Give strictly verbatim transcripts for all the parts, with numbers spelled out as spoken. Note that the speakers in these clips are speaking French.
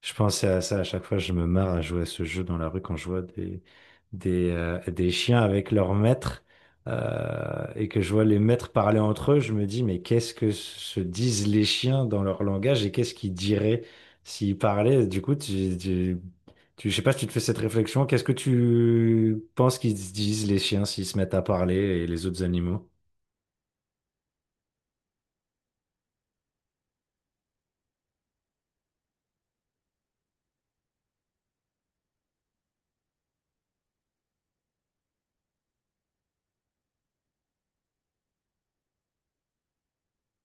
Je pensais à ça à chaque fois, je me marre à jouer à ce jeu dans la rue quand je vois des, des, euh, des chiens avec leurs maîtres euh, et que je vois les maîtres parler entre eux. Je me dis mais qu'est-ce que se disent les chiens dans leur langage et qu'est-ce qu'ils diraient s'ils parlaient? Du coup, tu, tu, tu- je sais pas si tu te fais cette réflexion, qu'est-ce que tu penses qu'ils se disent, les chiens, s'ils se mettent à parler, et les autres animaux?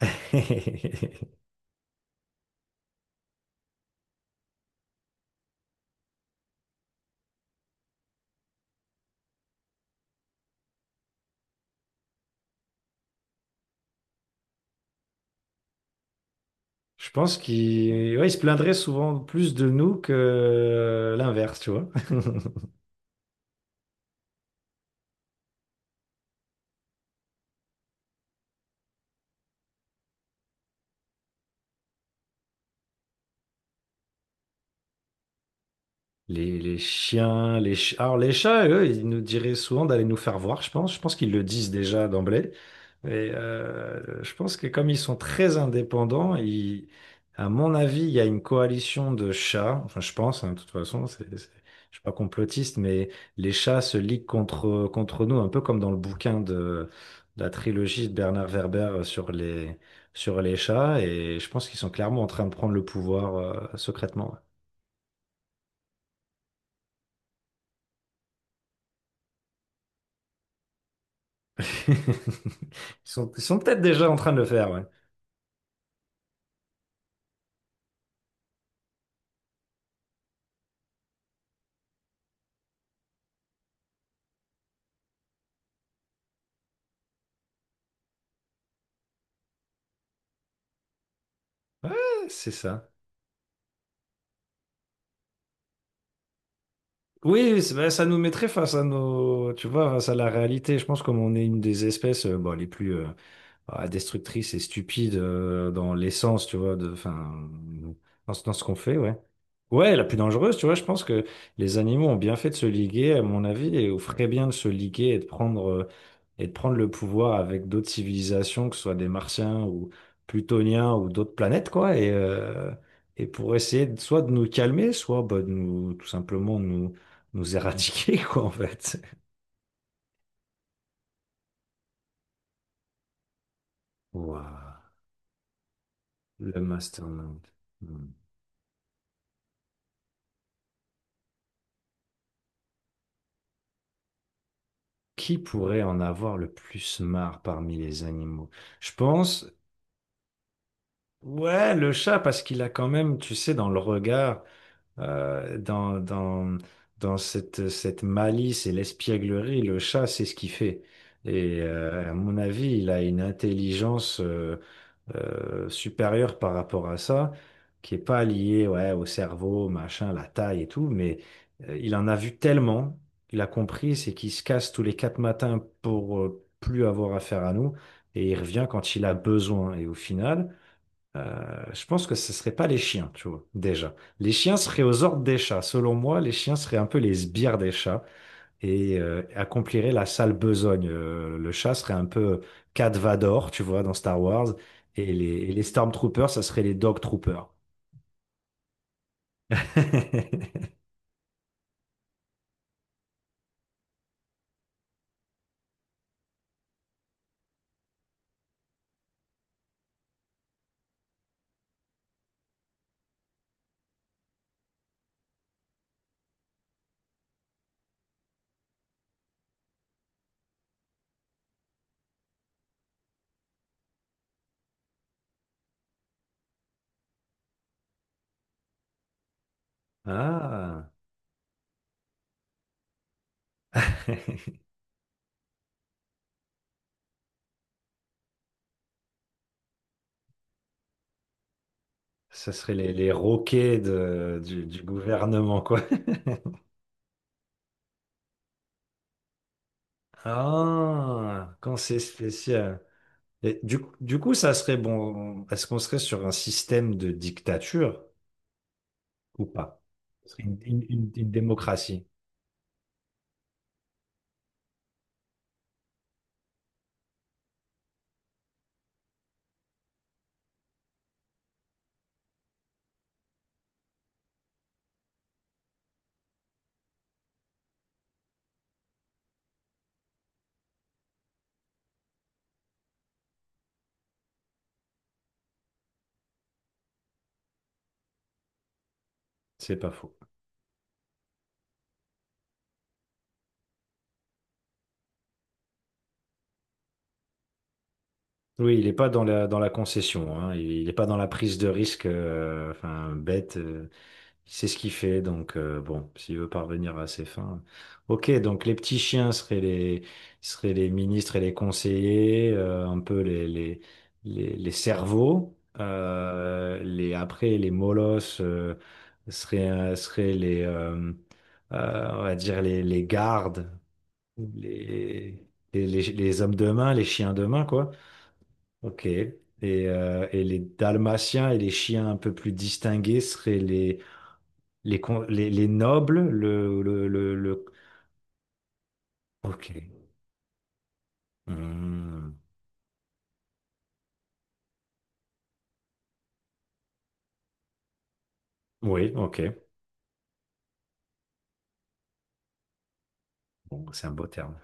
Je pense qu'il, ouais, il se plaindrait souvent plus de nous que euh, l'inverse, tu vois. Les, les chiens, les chats. Alors, les chats, eux, ils nous diraient souvent d'aller nous faire voir, je pense. Je pense qu'ils le disent déjà d'emblée. Et euh, je pense que comme ils sont très indépendants, ils- à mon avis, il y a une coalition de chats. Enfin, je pense, hein, de toute façon, c'est, c'est- je suis pas complotiste, mais les chats se liguent contre, contre nous, un peu comme dans le bouquin de, de la trilogie de Bernard Werber sur les, sur les chats. Et je pense qu'ils sont clairement en train de prendre le pouvoir, euh, secrètement. Ils sont, ils sont peut-être déjà en train de le faire, ouais. C'est ça. Oui, oui, c'est- ben, ça nous mettrait face à nos, tu vois, face à la réalité. Je pense, comme on est une des espèces euh, bon, les plus euh, ah, destructrices et stupides euh, dans l'essence, tu vois, de, enfin, dans, ce dans ce qu'on fait, ouais. Ouais, la plus dangereuse, tu vois, je pense que les animaux ont bien fait de se liguer, à mon avis, et feraient bien de se liguer et de prendre euh, et de prendre le pouvoir avec d'autres civilisations, que ce soit des Martiens ou Plutoniens ou d'autres planètes, quoi, et, euh, et pour essayer de- soit de nous calmer, soit bah, de nous, tout simplement nous, nous éradiquer, quoi, en fait. Waouh, le mastermind. Hmm. Qui pourrait en avoir le plus marre parmi les animaux? Je pense, ouais, le chat, parce qu'il a quand même, tu sais, dans le regard. euh, dans, dans, dans cette, cette malice et l'espièglerie, le chat, c'est ce qu'il fait. Et euh, à mon avis, il a une intelligence euh, euh, supérieure par rapport à ça, qui est pas liée, ouais, au cerveau, machin, la taille et tout, mais euh, il en a vu tellement, il a compris, c'est qu'il se casse tous les quatre matins pour euh, plus avoir affaire à nous, et il revient quand il a besoin. Et au final, euh, je pense que ce ne seraient pas les chiens, tu vois, déjà. Les chiens seraient aux ordres des chats. Selon moi, les chiens seraient un peu les sbires des chats et euh, accompliraient la sale besogne. Euh, le chat serait un peu Cat Vador, tu vois, dans Star Wars. Et les, et les Stormtroopers, ça serait les Dog Troopers. Ah, ça serait les, les roquets de- du, du gouvernement, quoi. Ah, quand c'est spécial. Et du, coup- du coup, ça serait bon. Est-ce qu'on serait sur un système de dictature ou pas? Ce serait une, une- une- une démocratie, c'est pas faux. Oui, il n'est pas dans la, dans la concession, hein. Il n'est pas dans la prise de risque, euh, enfin, bête. Euh. C'est ce qu'il fait, donc euh, bon, s'il veut parvenir à ses fins. Ok, donc les petits chiens seraient les, seraient les ministres et les conseillers, euh, un peu les, les, les, les cerveaux. Euh, les, après, les molosses euh, seraient, euh, seraient les, euh, euh, on va dire les, les gardes, les, les, les, les hommes de main, les chiens de main, quoi. Ok. Et, euh, et les dalmatiens et les chiens un peu plus distingués seraient les les, con- les, les nobles, le, le, le, le- Ok. Hmm. Oui, ok. Bon, c'est un beau terme.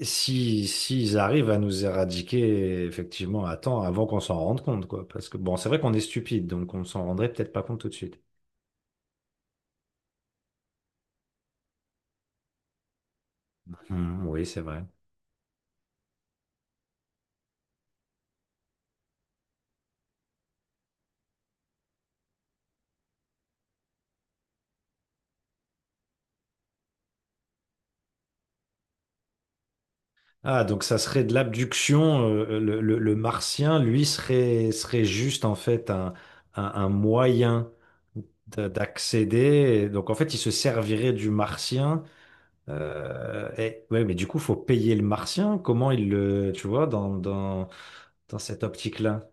Si, s'ils arrivent à nous éradiquer, effectivement, à temps, avant qu'on s'en rende compte, quoi. Parce que, bon, c'est vrai qu'on est stupide, donc on s'en rendrait peut-être pas compte tout de suite. Hmm, oui, c'est vrai. Ah, donc ça serait de l'abduction. Euh, le, le- le martien, lui, serait, serait juste, en fait, un, un, un moyen d'a- d'accéder. Donc, en fait, il se servirait du martien. Euh, et, ouais, mais du coup, faut payer le martien. Comment il le, tu vois, dans, dans, dans cette optique-là?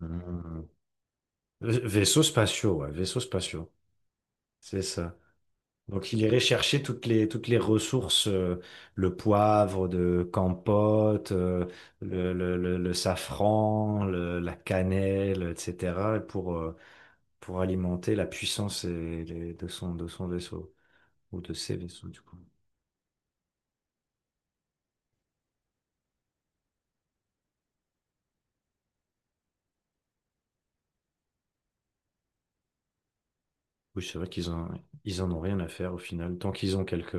Hum. V- Vaisseaux spatiaux, ouais, vaisseaux spatiaux, c'est ça. Donc, il irait chercher toutes les, toutes les ressources, euh, le poivre de Campote, euh, le, le, le, le safran, le- la cannelle, et cetera, pour, euh, pour alimenter la puissance et les- de son, de son vaisseau, ou de ses vaisseaux, du coup. Oui, c'est vrai qu'ils en, ils en ont rien à faire au final. Tant qu'ils ont quelques,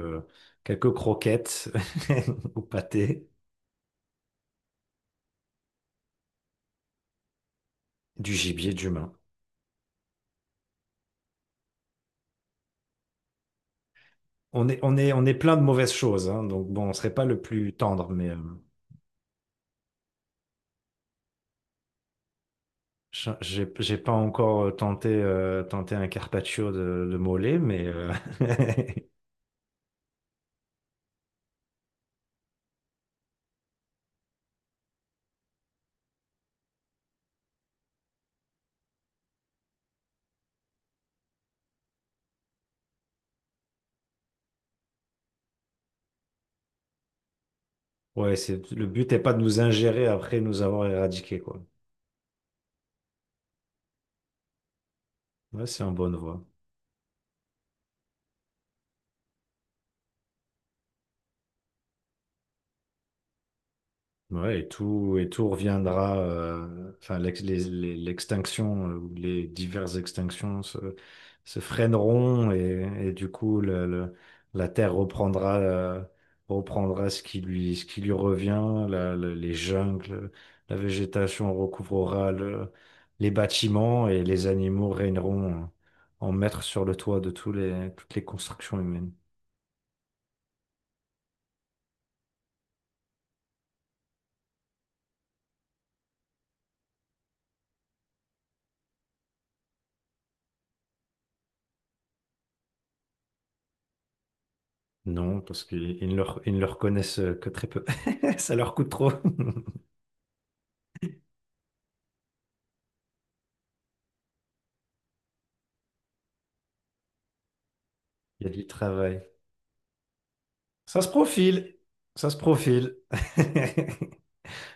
quelques croquettes ou pâté, du gibier, d'humain. On est, on est, on est plein de mauvaises choses, hein, donc bon, on serait pas le plus tendre, mais euh, je- j'ai, j'ai pas encore euh, tenté, euh, tenté un carpaccio de, de mollet, mais euh. Ouais, c'est, le but est pas de nous ingérer après nous avoir éradiqués, quoi. Ouais, c'est en bonne voie. Ouais, et tout, et tout reviendra. Euh, enfin, l'ex- les- les- l'extinction euh, ou les diverses extinctions se, se freineront et, et du coup, le- le- la Terre reprendra, euh, reprendra ce qui lui, ce qui lui revient. La- la- les jungles, la végétation recouvrera le- les bâtiments et les animaux régneront en, en maîtres sur le toit de tous les, toutes les constructions humaines. Non, parce qu'ils ils ne le, ils ne le reconnaissent que très peu. Ça leur coûte trop. Il y a du travail. Ça se profile. Ça se profile.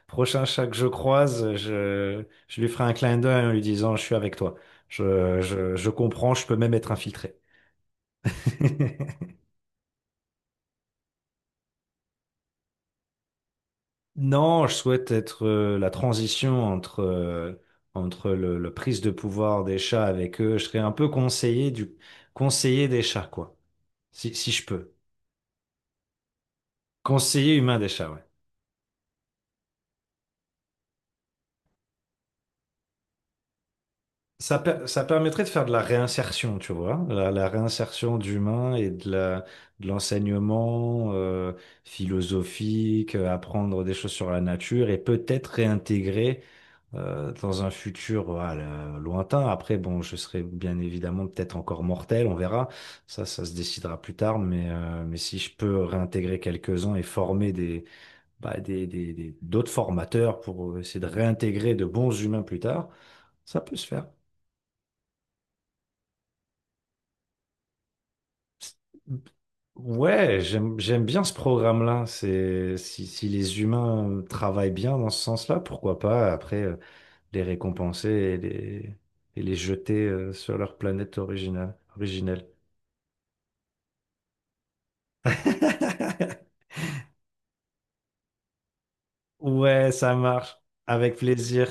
Prochain chat que je croise, je, je lui ferai un clin d'œil en lui disant, je suis avec toi. Je, je, je comprends, je peux même être infiltré. Non, je souhaite être euh, la transition entre, euh, entre le, le prise de pouvoir des chats avec eux. Je serais un peu conseiller du conseiller des chats, quoi. Si, si je peux. Conseiller humain des chats, ouais. Ça, per- ça permettrait de faire de la réinsertion, tu vois, la, la réinsertion d'humains et de la, de l'enseignement euh, philosophique, euh, apprendre des choses sur la nature et peut-être réintégrer euh, dans un futur voilà, lointain. Après, bon, je serai bien évidemment peut-être encore mortel, on verra. Ça, ça se décidera plus tard. Mais, euh, mais si je peux réintégrer quelques-uns et former des, bah, des, des, des- d'autres formateurs pour essayer de réintégrer de bons humains plus tard, ça peut se faire. Ouais, j'aime j'aime bien ce programme-là. C'est si, si les humains euh, travaillent bien dans ce sens-là, pourquoi pas après euh, les récompenser et les, et les jeter euh, sur leur planète originale, originelle. Ouais, ça marche. Avec plaisir.